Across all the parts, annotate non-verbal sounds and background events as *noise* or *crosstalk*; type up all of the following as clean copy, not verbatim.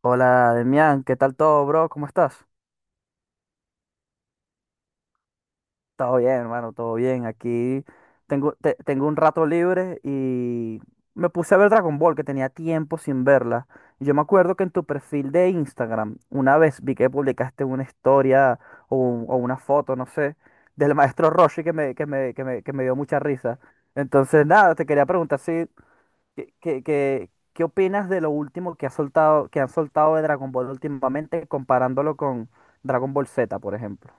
Hola, Demian, ¿qué tal todo, bro? ¿Cómo estás? Todo bien, hermano, todo bien. Aquí tengo un rato libre y me puse a ver Dragon Ball, que tenía tiempo sin verla. Y yo me acuerdo que en tu perfil de Instagram, una vez vi que publicaste una historia o una foto, no sé, del maestro Roshi que me dio mucha risa. Entonces, nada, te quería preguntar si ¿Qué opinas de lo último que ha soltado, que han soltado de Dragon Ball últimamente, comparándolo con Dragon Ball Z, por ejemplo?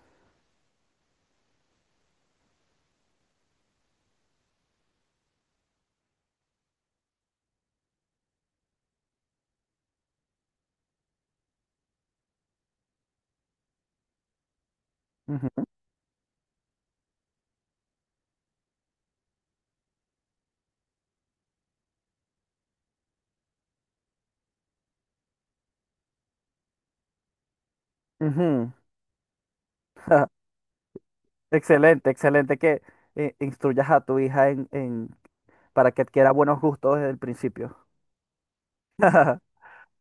Ujú, ujú. Excelente, excelente que instruyas a tu hija en para que adquiera buenos gustos desde el principio. *laughs*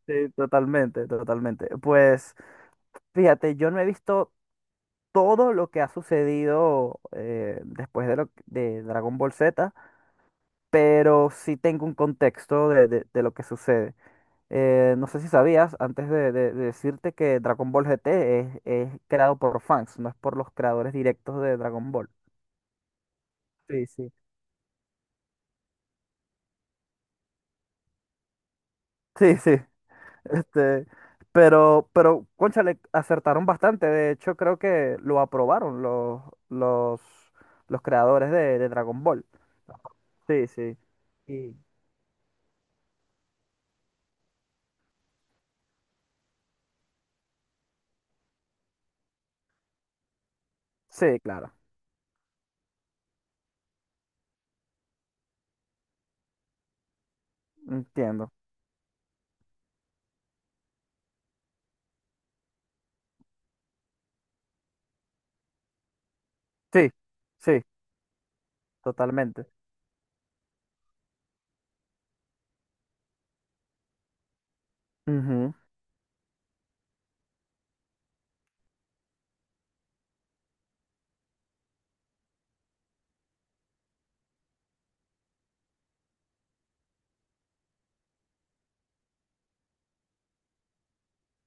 Sí, totalmente, totalmente. Pues fíjate, yo no he visto todo lo que ha sucedido después de Dragon Ball Z, pero sí tengo un contexto de lo que sucede. No sé si sabías, antes de decirte que Dragon Ball GT es creado por fans, no es por los creadores directos de Dragon Ball. Sí, sí. Sí, sí. *laughs* Este, pero, cónchale, acertaron bastante. De hecho, creo que lo aprobaron los, los creadores de Dragon Ball. Sí, sí. Y sí, claro. Entiendo. Sí, sí, totalmente. Ujú.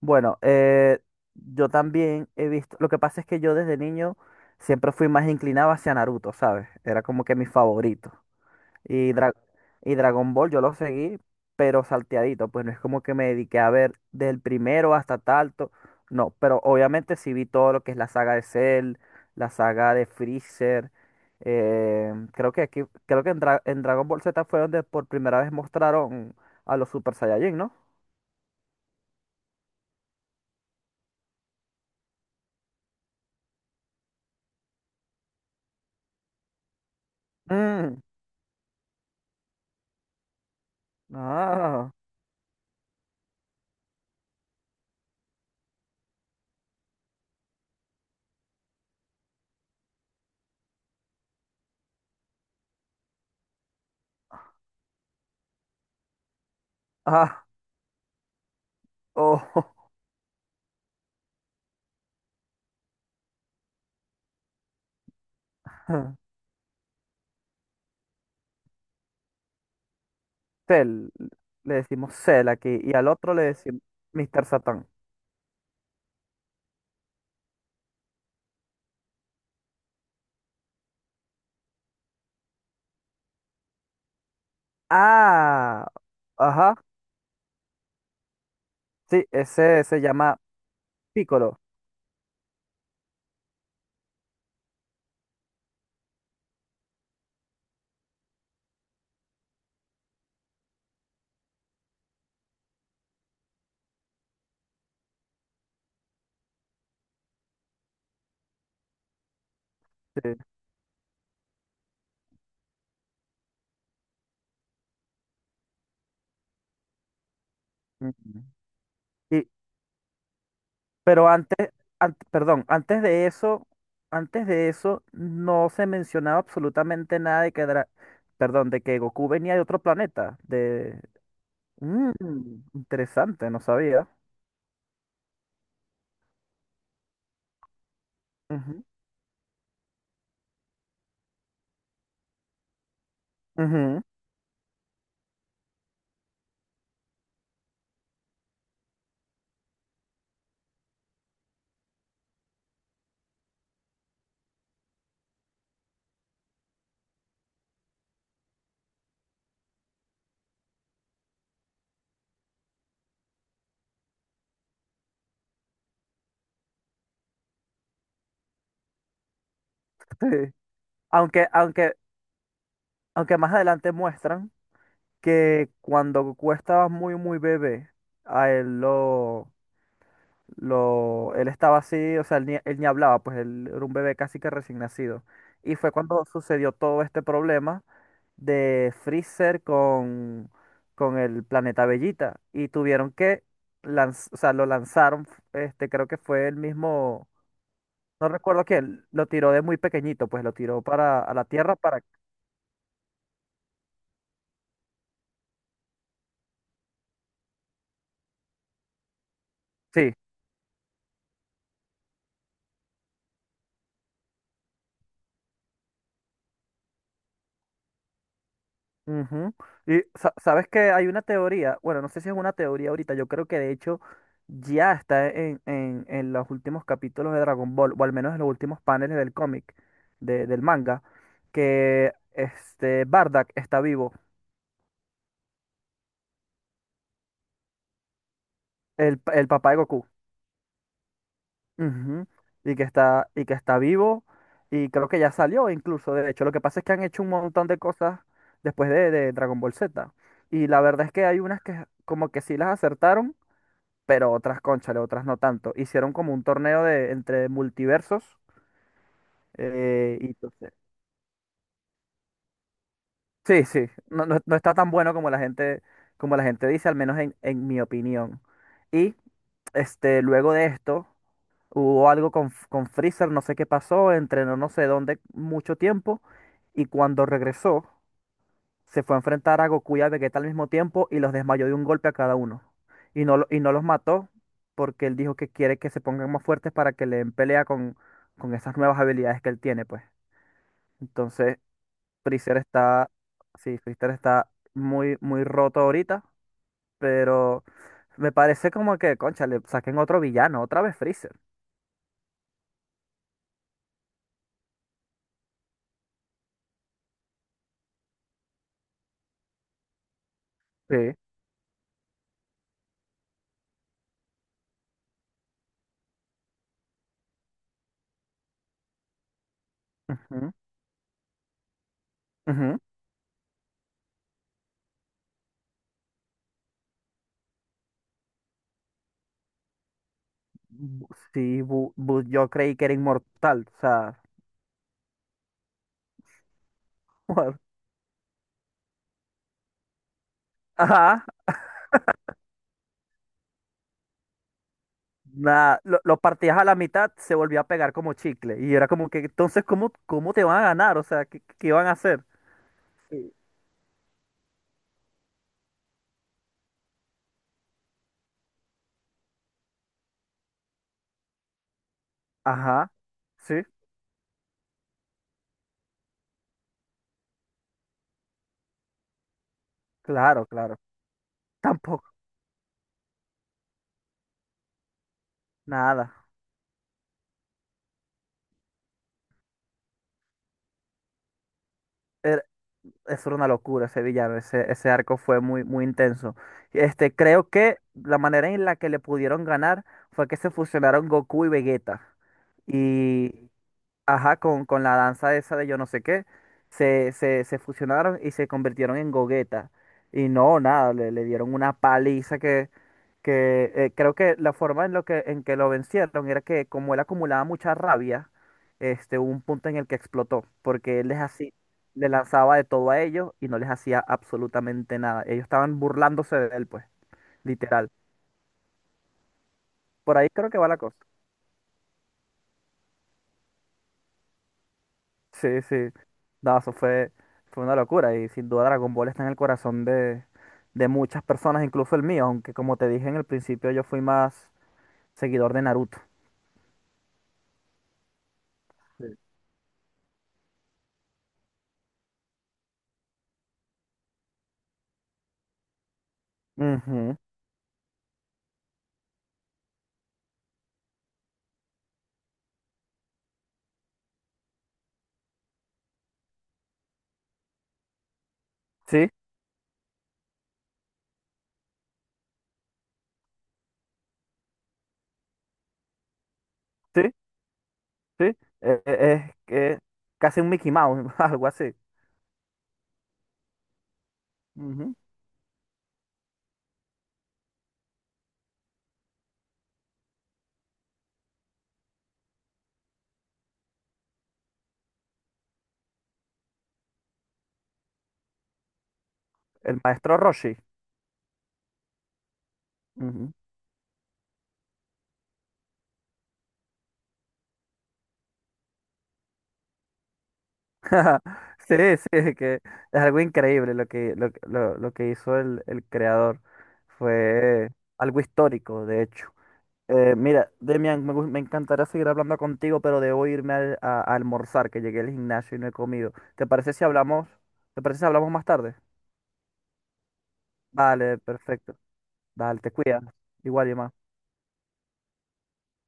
Bueno, yo también he visto, lo que pasa es que yo desde niño siempre fui más inclinado hacia Naruto, ¿sabes? Era como que mi favorito. Y, Dra- y Dragon Ball yo lo seguí, pero salteadito, pues no es como que me dediqué a ver del primero hasta tanto, no, pero obviamente sí vi todo lo que es la saga de Cell, la saga de Freezer. eh, creo que aquí, Creo que en Dragon Ball Z fue donde por primera vez mostraron a los Super Saiyajin, ¿no? Mm, ah. *laughs* O *laughs* Cell, le decimos Cell aquí, y al otro le decimos Mr. Satán. Ah, ajá, sí, ese se llama Piccolo. Sí. Ujú. Y, pero antes, perdón, antes de eso no se mencionaba absolutamente nada de perdón, de que Goku venía de otro planeta. De, mm, interesante, no sabía. Ujú, ujú, *laughs* sí. Aunque, aunque, Aunque más adelante muestran que cuando Goku estaba muy, muy bebé, a él lo, él estaba así, o sea, él ni hablaba, pues él era un bebé casi que recién nacido. Y fue cuando sucedió todo este problema de Freezer con el planeta Bellita. Y tuvieron que o sea, lo lanzaron, este, creo que fue el mismo, no recuerdo quién, lo tiró de muy pequeñito, pues lo tiró para a la Tierra para, sí, ujú. Y sabes que hay una teoría, bueno, no sé si es una teoría ahorita, yo creo que de hecho ya está en los últimos capítulos de Dragon Ball, o al menos en los últimos paneles del cómic, del manga, que este Bardock está vivo, el, el papá de Goku, ujú. Y que está vivo, y creo que ya salió incluso, de hecho, lo que pasa es que han hecho un montón de cosas después de Dragon Ball Z, y la verdad es que hay unas que como que sí las acertaron, pero otras, cónchale, otras no tanto. Hicieron como un torneo de, entre multiversos. eh, y entonces- sí, sí, no, no está tan bueno como como la gente dice, al menos en mi opinión. Y este, luego de esto, hubo algo con, con Freezer, no sé qué pasó, entrenó no sé dónde mucho tiempo, y cuando regresó se fue a enfrentar a Goku y a Vegeta al mismo tiempo y los desmayó de un golpe a cada uno. Y no, y no los mató porque él dijo que quiere que se pongan más fuertes para que le den pelea con esas nuevas habilidades que él tiene, pues. Entonces, Freezer está, sí, Freezer está muy, muy roto ahorita, pero me parece como que, concha, le saquen otro villano, otra vez Freezer. Sí. Ujú, ujú. Bu- Sí, yo creí que era inmortal, o sea, *laughs* what? Ajá. Nada, lo partías a la mitad, se volvía a pegar como chicle. Y era como que, entonces, ¿cómo te van a ganar? O sea, ¿qué iban a hacer? Sí. Ajá, sí, claro, claro. Tampoco, nada. Era- Eso era una locura ese villano, ese arco fue muy, muy intenso. Este, creo que la manera en la que le pudieron ganar fue que se fusionaron Goku y Vegeta. Y ajá, con la danza esa de yo no sé qué, se fusionaron y se convirtieron en gogueta. Y no, nada, le dieron una paliza que creo que la forma en que lo vencieron era que como él acumulaba mucha rabia, este, hubo un punto en el que explotó, porque él les hacía, le lanzaba de todo a ellos y no les hacía absolutamente nada. Ellos estaban burlándose de él, pues, literal. Por ahí creo que va la cosa. Sí, sí. No, fue una locura y sin duda Dragon Ball está en el corazón de muchas personas, incluso el mío, aunque como te dije en el principio yo fui más seguidor de Naruto. Sí. Ujú. Sí, sí, sí. Es que casi un Mickey Mouse, *laughs* algo así. Ujú. El maestro Roshi. Ujú. *laughs* Sí, sí, que es algo increíble lo que hizo el creador. Fue algo histórico, de hecho. Mira, Demian, me encantaría seguir hablando contigo, pero debo irme a almorzar, que llegué al gimnasio y no he comido. ¿Te parece si hablamos? ¿Te parece si hablamos más tarde? Vale, perfecto. Dale, te cuidas. Igual, más.